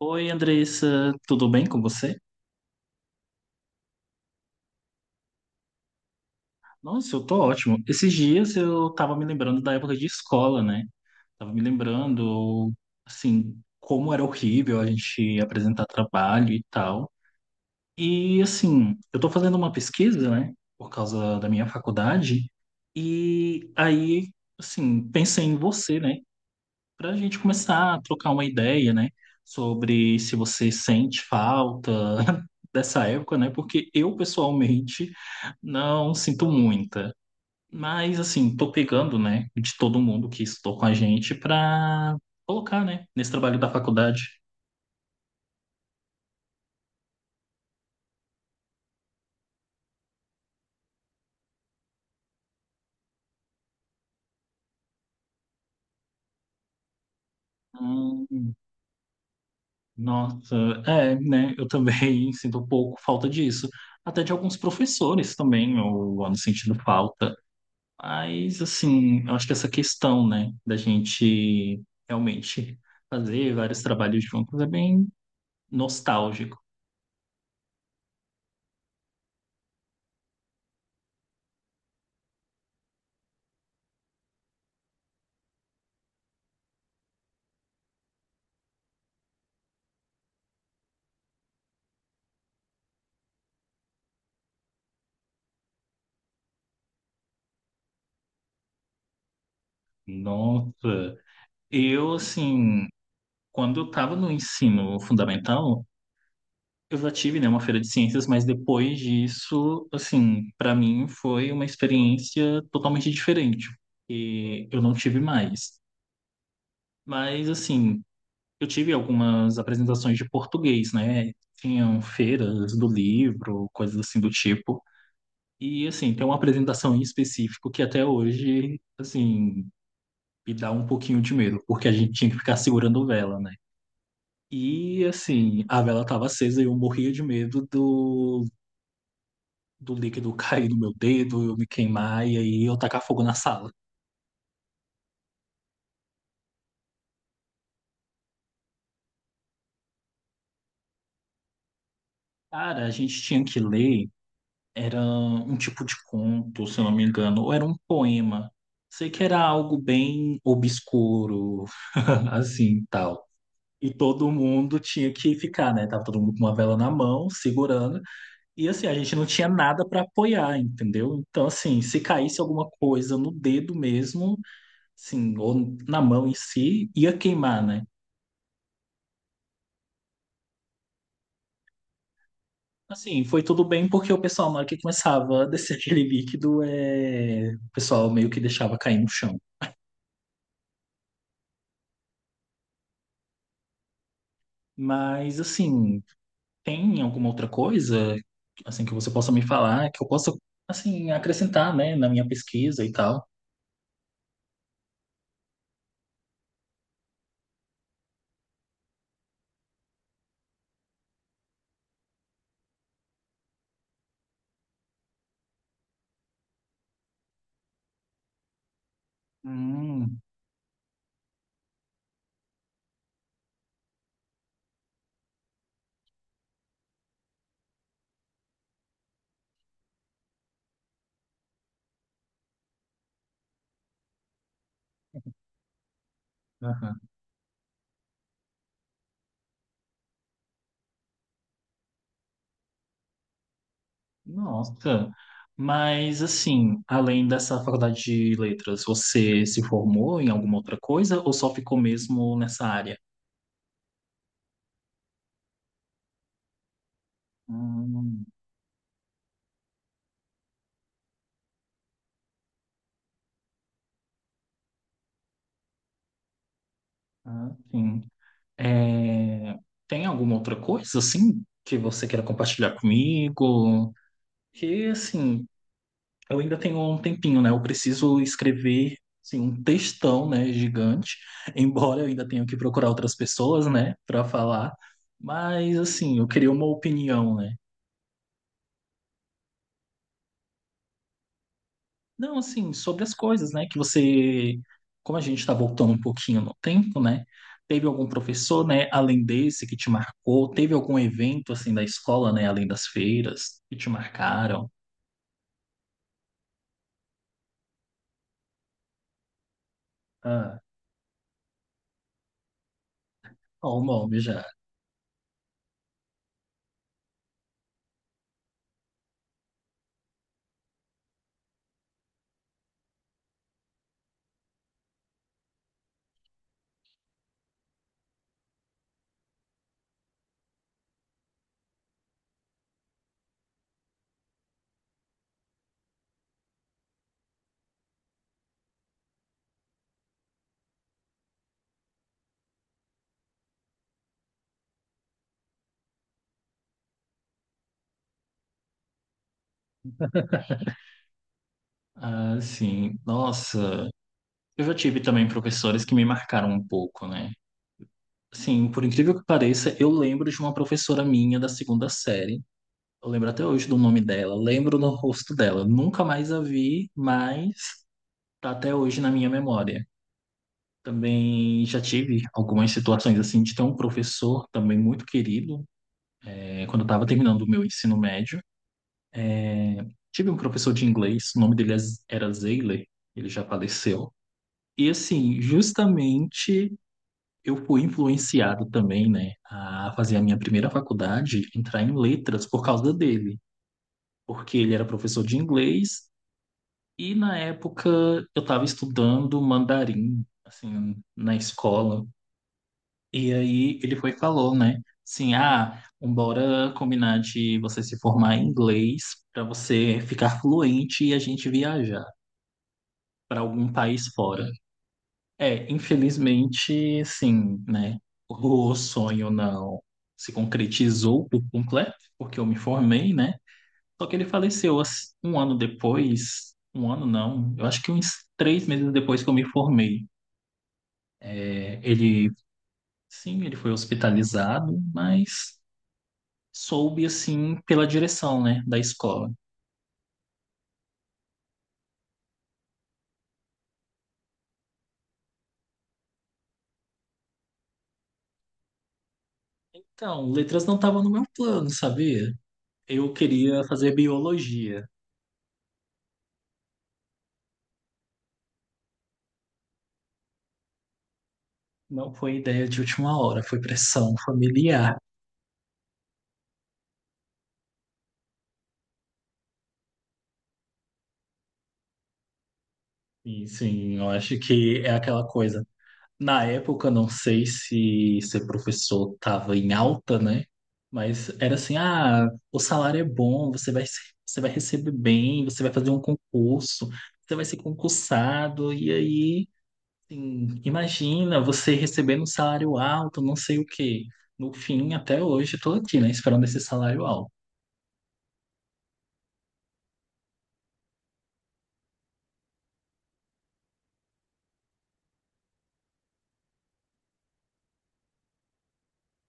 Oi, Andressa, tudo bem com você? Nossa, eu tô ótimo. Esses dias eu tava me lembrando da época de escola, né? Tava me lembrando, assim, como era horrível a gente apresentar trabalho e tal. E, assim, eu tô fazendo uma pesquisa, né, por causa da minha faculdade, e aí, assim, pensei em você, né? Para a gente começar a trocar uma ideia, né, sobre se você sente falta dessa época, né, porque eu pessoalmente não sinto muita. Mas assim, tô pegando, né, de todo mundo que estou com a gente para colocar, né, nesse trabalho da faculdade. Hum. Nossa, é, né? Eu também sinto um pouco falta disso. Até de alguns professores também, eu ando sentindo falta. Mas, assim, eu acho que essa questão, né, da gente realmente fazer vários trabalhos juntos é bem nostálgico. Nossa, eu, assim, quando eu estava no ensino fundamental, eu já tive, né, uma feira de ciências, mas depois disso, assim, para mim foi uma experiência totalmente diferente, e eu não tive mais. Mas, assim, eu tive algumas apresentações de português, né? Tinham feiras do livro, coisas assim do tipo. E, assim, tem uma apresentação em específico que até hoje, assim, me dá um pouquinho de medo, porque a gente tinha que ficar segurando vela, né? E, assim, a vela estava acesa e eu morria de medo do, do líquido cair no meu dedo, eu me queimar e aí eu tacar fogo na sala. Cara, a gente tinha que ler. Era um tipo de conto, se eu não me engano, ou era um poema. Sei que era algo bem obscuro, assim, tal. E todo mundo tinha que ficar, né? Tava todo mundo com uma vela na mão, segurando. E assim, a gente não tinha nada para apoiar, entendeu? Então, assim, se caísse alguma coisa no dedo mesmo, assim, ou na mão em si, ia queimar, né? Assim, foi tudo bem porque o pessoal, na hora que começava a descer aquele líquido, o pessoal meio que deixava cair no chão. Mas, assim, tem alguma outra coisa, assim, que você possa me falar, que eu possa, assim, acrescentar, né, na minha pesquisa e tal? Hum, aham. Nossa. Mas, assim, além dessa faculdade de letras, você se formou em alguma outra coisa ou só ficou mesmo nessa área? Hum, ah, sim. É, tem alguma outra coisa, assim, que você queira compartilhar comigo? Que, assim, eu ainda tenho um tempinho, né? Eu preciso escrever assim, um textão, né, gigante, embora eu ainda tenha que procurar outras pessoas, né, para falar. Mas assim, eu queria uma opinião, né? Não, assim, sobre as coisas, né, que você, como a gente está voltando um pouquinho no tempo, né? Teve algum professor, né, além desse que te marcou? Teve algum evento assim da escola, né, além das feiras que te marcaram? Ah, ó, o nome já. Ah, sim. Nossa, eu já tive também professores que me marcaram um pouco, né? Sim, por incrível que pareça, eu lembro de uma professora minha da segunda série. Eu lembro até hoje do nome dela, lembro do rosto dela. Nunca mais a vi, mas tá até hoje na minha memória. Também já tive algumas situações assim de ter um professor também muito querido. É, quando eu estava terminando o meu ensino médio, tive um professor de inglês, o nome dele era Zeiler, ele já faleceu. E assim, justamente eu fui influenciado também, né, a fazer a minha primeira faculdade, entrar em letras por causa dele, porque ele era professor de inglês e na época eu estava estudando mandarim, assim, na escola. E aí ele foi e falou, né, assim, ah, bora combinar de você se formar em inglês para você ficar fluente e a gente viajar para algum país fora. É, infelizmente, sim, né? O sonho não se concretizou por completo, porque eu me formei, né? Só que ele faleceu assim, um ano depois, um ano não, eu acho que uns três meses depois que eu me formei. É, ele, sim, ele foi hospitalizado, mas soube, assim, pela direção, né, da escola. Então, letras não estavam no meu plano, sabia? Eu queria fazer biologia. Não foi ideia de última hora, foi pressão familiar. Sim, sim, eu acho que é aquela coisa. Na época, eu não sei se ser professor estava em alta, né? Mas era assim, ah, o salário é bom, você vai, você vai receber bem, você vai fazer um concurso, você vai ser concursado, e aí, assim, imagina você recebendo um salário alto, não sei o quê. No fim, até hoje, eu tô aqui, né, esperando esse salário alto.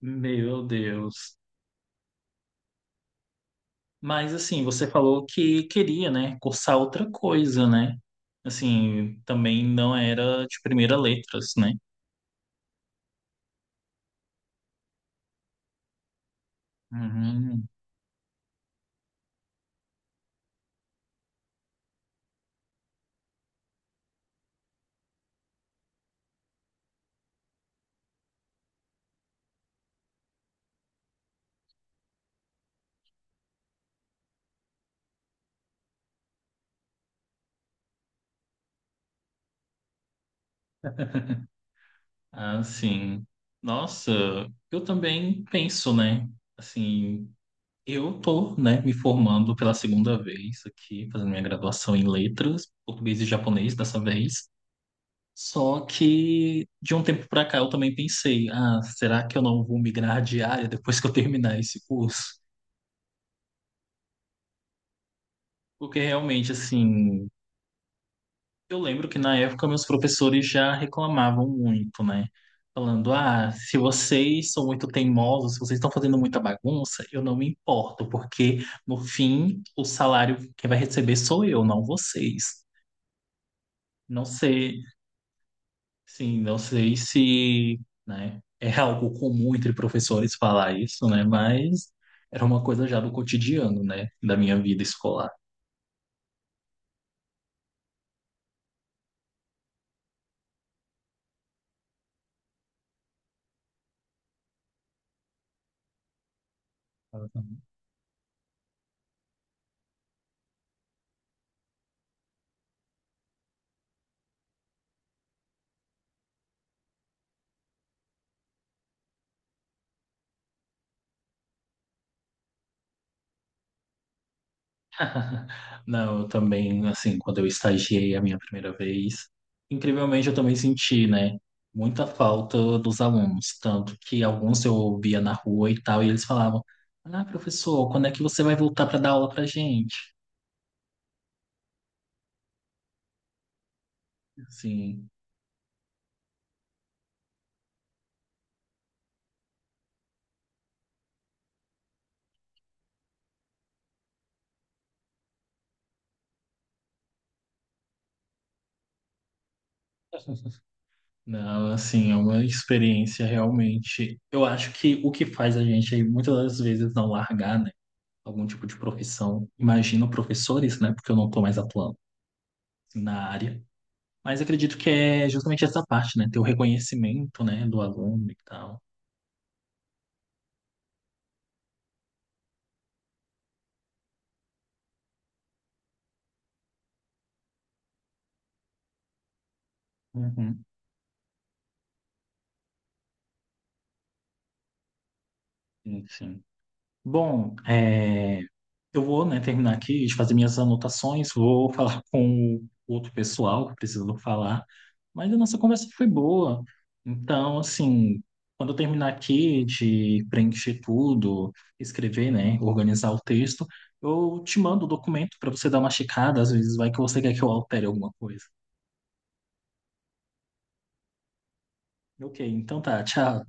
Meu Deus. Mas assim, você falou que queria, né, cursar outra coisa, né? Assim, também não era de primeira letras, né? Uhum. Assim, nossa, eu também penso, né? Assim, eu tô, né, me formando pela segunda vez aqui, fazendo minha graduação em letras, português e japonês dessa vez. Só que de um tempo pra cá eu também pensei, ah, será que eu não vou migrar de área depois que eu terminar esse curso? Porque realmente, assim, eu lembro que na época meus professores já reclamavam muito, né? Falando, ah, se vocês são muito teimosos, se vocês estão fazendo muita bagunça, eu não me importo, porque no fim o salário que vai receber sou eu, não vocês. Não sei, sim, não sei se, né, é algo comum entre professores falar isso, né? Mas era uma coisa já do cotidiano, né, da minha vida escolar. Não, eu também, assim, quando eu estagiei a minha primeira vez, incrivelmente eu também senti, né, muita falta dos alunos, tanto que alguns eu via na rua e tal, e eles falavam, ah, professor, quando é que você vai voltar para dar aula pra gente? Assim, não, assim, é uma experiência realmente. Eu acho que o que faz a gente aí muitas das vezes não largar, né, algum tipo de profissão, imagino professores, né, porque eu não tô mais atuando na área. Mas acredito que é justamente essa parte, né? Ter o reconhecimento, né, do aluno e tal. Uhum, sim, sim. Bom, é, eu vou, né, terminar aqui de fazer minhas anotações, vou falar com o outro pessoal que precisou falar, mas a nossa conversa foi boa. Então, assim, quando eu terminar aqui de preencher tudo, escrever, né, organizar o texto, eu te mando o documento para você dar uma checada, às vezes vai que você quer que eu altere alguma coisa. Ok, então tá, tchau.